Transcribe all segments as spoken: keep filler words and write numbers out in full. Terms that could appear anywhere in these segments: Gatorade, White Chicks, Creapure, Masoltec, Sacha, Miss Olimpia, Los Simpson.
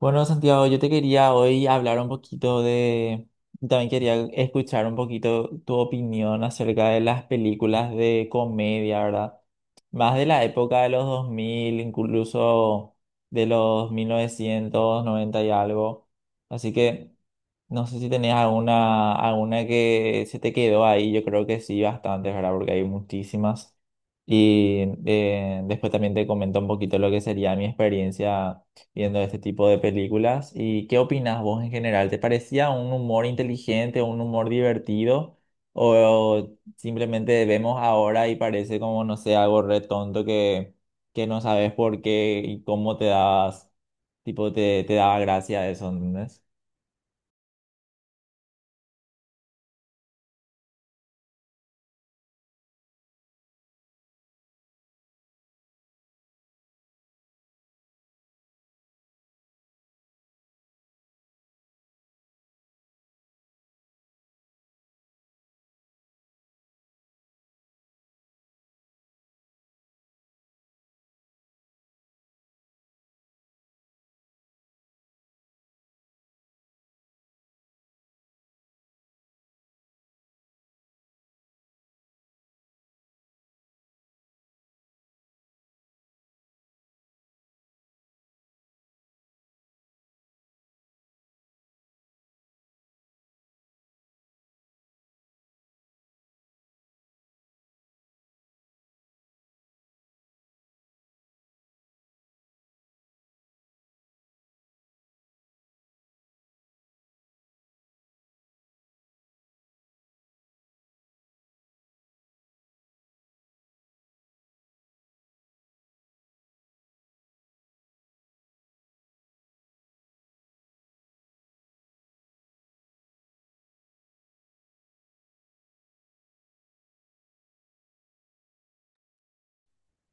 Bueno, Santiago, yo te quería hoy hablar un poquito de, también quería escuchar un poquito tu opinión acerca de las películas de comedia, ¿verdad? Más de la época de los dos mil, incluso de los mil novecientos noventa y algo. Así que no sé si tenías alguna, alguna que se te quedó ahí, yo creo que sí, bastantes, ¿verdad? Porque hay muchísimas. Y eh, después también te comento un poquito lo que sería mi experiencia viendo este tipo de películas. ¿Y qué opinas vos en general? ¿Te parecía un humor inteligente, un humor divertido? ¿O simplemente vemos ahora y parece como, no sé, algo re tonto que, que no sabes por qué y cómo te das, tipo, te, te daba gracia eso, ¿entendés?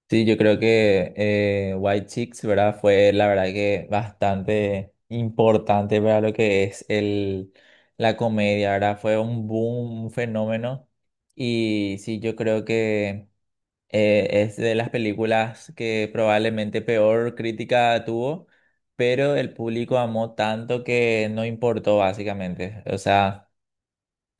Sí, yo creo que eh, White Chicks, ¿verdad? Fue la verdad que bastante importante para lo que es el, la comedia, ¿verdad? Fue un boom, un fenómeno. Y sí, yo creo que eh, es de las películas que probablemente peor crítica tuvo, pero el público amó tanto que no importó, básicamente. O sea,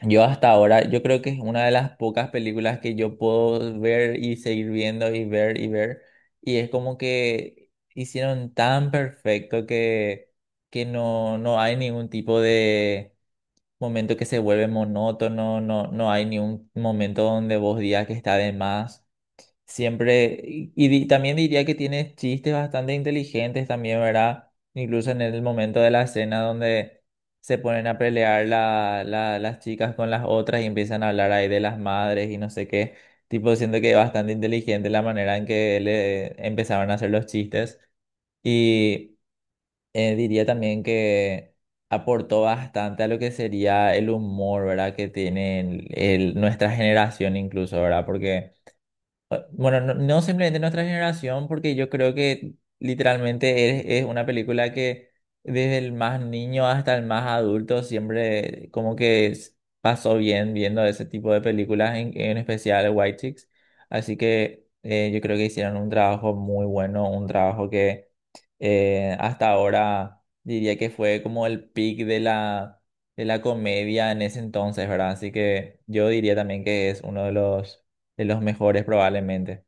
yo hasta ahora, yo creo que es una de las pocas películas que yo puedo ver y seguir viendo y ver y ver. Y es como que hicieron tan perfecto que, que no, no hay ningún tipo de momento que se vuelve monótono, no, no hay ningún momento donde vos digas que está de más. Siempre, y, y di- también diría que tiene chistes bastante inteligentes también, ¿verdad? Incluso en el momento de la escena donde se ponen a pelear la, la- las chicas con las otras y empiezan a hablar ahí de las madres y no sé qué. Tipo, siento que es bastante inteligente la manera en que le empezaron a hacer los chistes. Y eh, diría también que aportó bastante a lo que sería el humor, ¿verdad? Que tiene el- el- nuestra generación incluso, ¿verdad? Porque... Ah, bueno, no, no simplemente nuestra generación, porque yo creo que literalmente es, es una película que desde el más niño hasta el más adulto siempre como que s- pasó bien viendo ese tipo de películas, en, en especial White Chicks. Así que eh, yo creo que hicieron un trabajo muy bueno, un trabajo que eh, hasta ahora diría que fue como el peak de la, de la comedia en ese entonces, ¿verdad? Así que yo diría también que es uno de los de los mejores probablemente.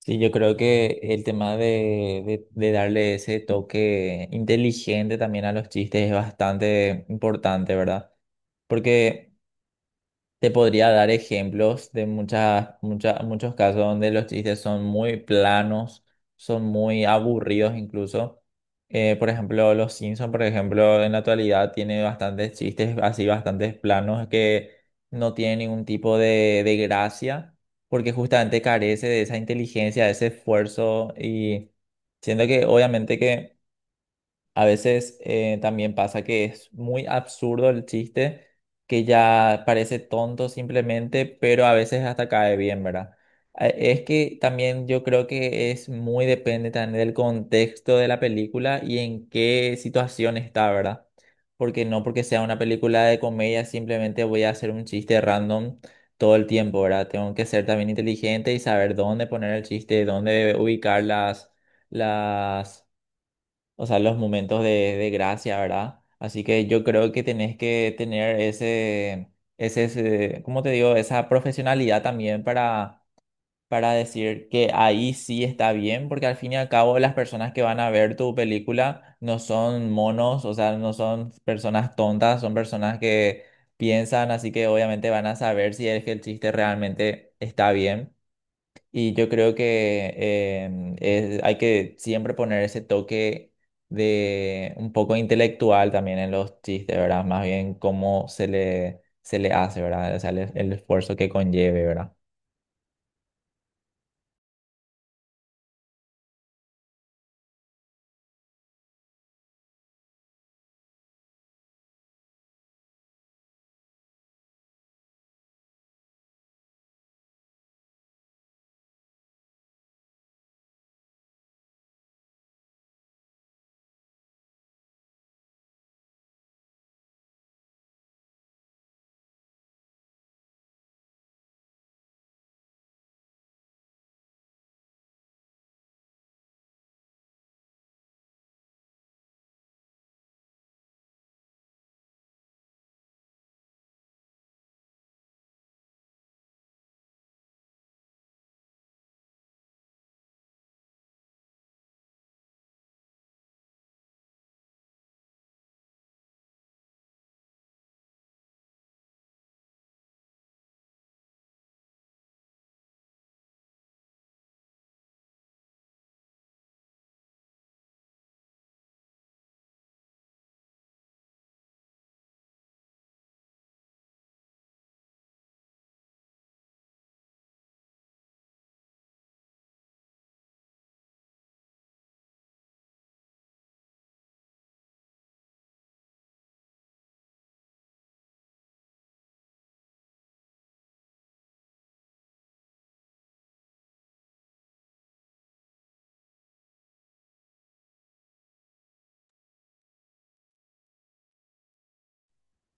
Sí, yo creo que el tema de, de, de darle ese toque inteligente también a los chistes es bastante importante, ¿verdad? Porque te podría dar ejemplos de muchas, muchas, muchos casos donde los chistes son muy planos, son muy aburridos incluso. Eh, por ejemplo, Los Simpson, por ejemplo, en la actualidad tiene bastantes chistes así, bastantes planos que no tienen ningún tipo de, de gracia, porque justamente carece de esa inteligencia, de ese esfuerzo y siento que obviamente que a veces eh, también pasa que es muy absurdo el chiste, que ya parece tonto simplemente, pero a veces hasta cae bien, ¿verdad? A- Es que también yo creo que es muy depende también del contexto de la película y en qué situación está, ¿verdad? Porque no porque sea una película de comedia simplemente voy a hacer un chiste random todo el tiempo, ¿verdad? Tengo que ser también inteligente y saber dónde poner el chiste, dónde ubicar las las o sea, los momentos de, de gracia, ¿verdad? Así que yo creo que tenés que tener ese, ese, ese, ¿cómo te digo? Esa profesionalidad también para, para decir que ahí sí está bien, porque al fin y al cabo las personas que van a ver tu película no son monos, o sea, no son personas tontas, son personas que piensan, así que obviamente van a saber si es que el chiste realmente está bien. Y yo creo que em, es- hay que siempre poner ese toque de un poco intelectual también en los chistes, ¿verdad? Más bien cómo se le, se le hace, ¿verdad? O sea, el, el esfuerzo que conlleve, ¿verdad?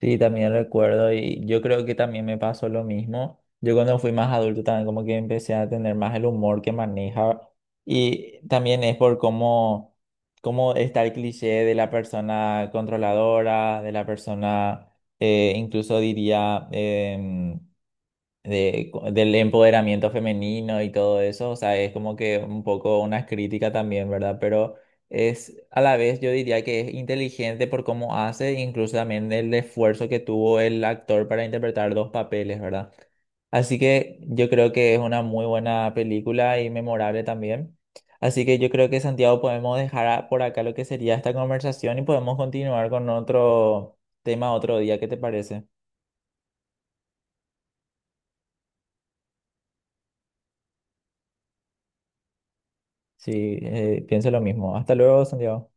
Sí, también recuerdo y yo creo que también me pasó lo mismo. Yo cuando fui más adulto también como que empecé a tener más el humor que maneja y también es por cómo, cómo está el cliché de la persona controladora, de la persona, eh, incluso diría, em, de- del empoderamiento femenino y todo eso, o sea, es como que un poco una crítica también, ¿verdad? Pero es a la vez yo diría que es inteligente por cómo hace, incluso también el esfuerzo que tuvo el actor para interpretar dos papeles, ¿verdad? Así que yo creo que es una muy buena película y memorable también. Así que yo creo que Santiago podemos dejar a- por acá lo que sería esta conversación y podemos continuar con otro tema otro día, ¿qué te parece? Sí, eh, pienso lo mismo. Hasta luego, Santiago.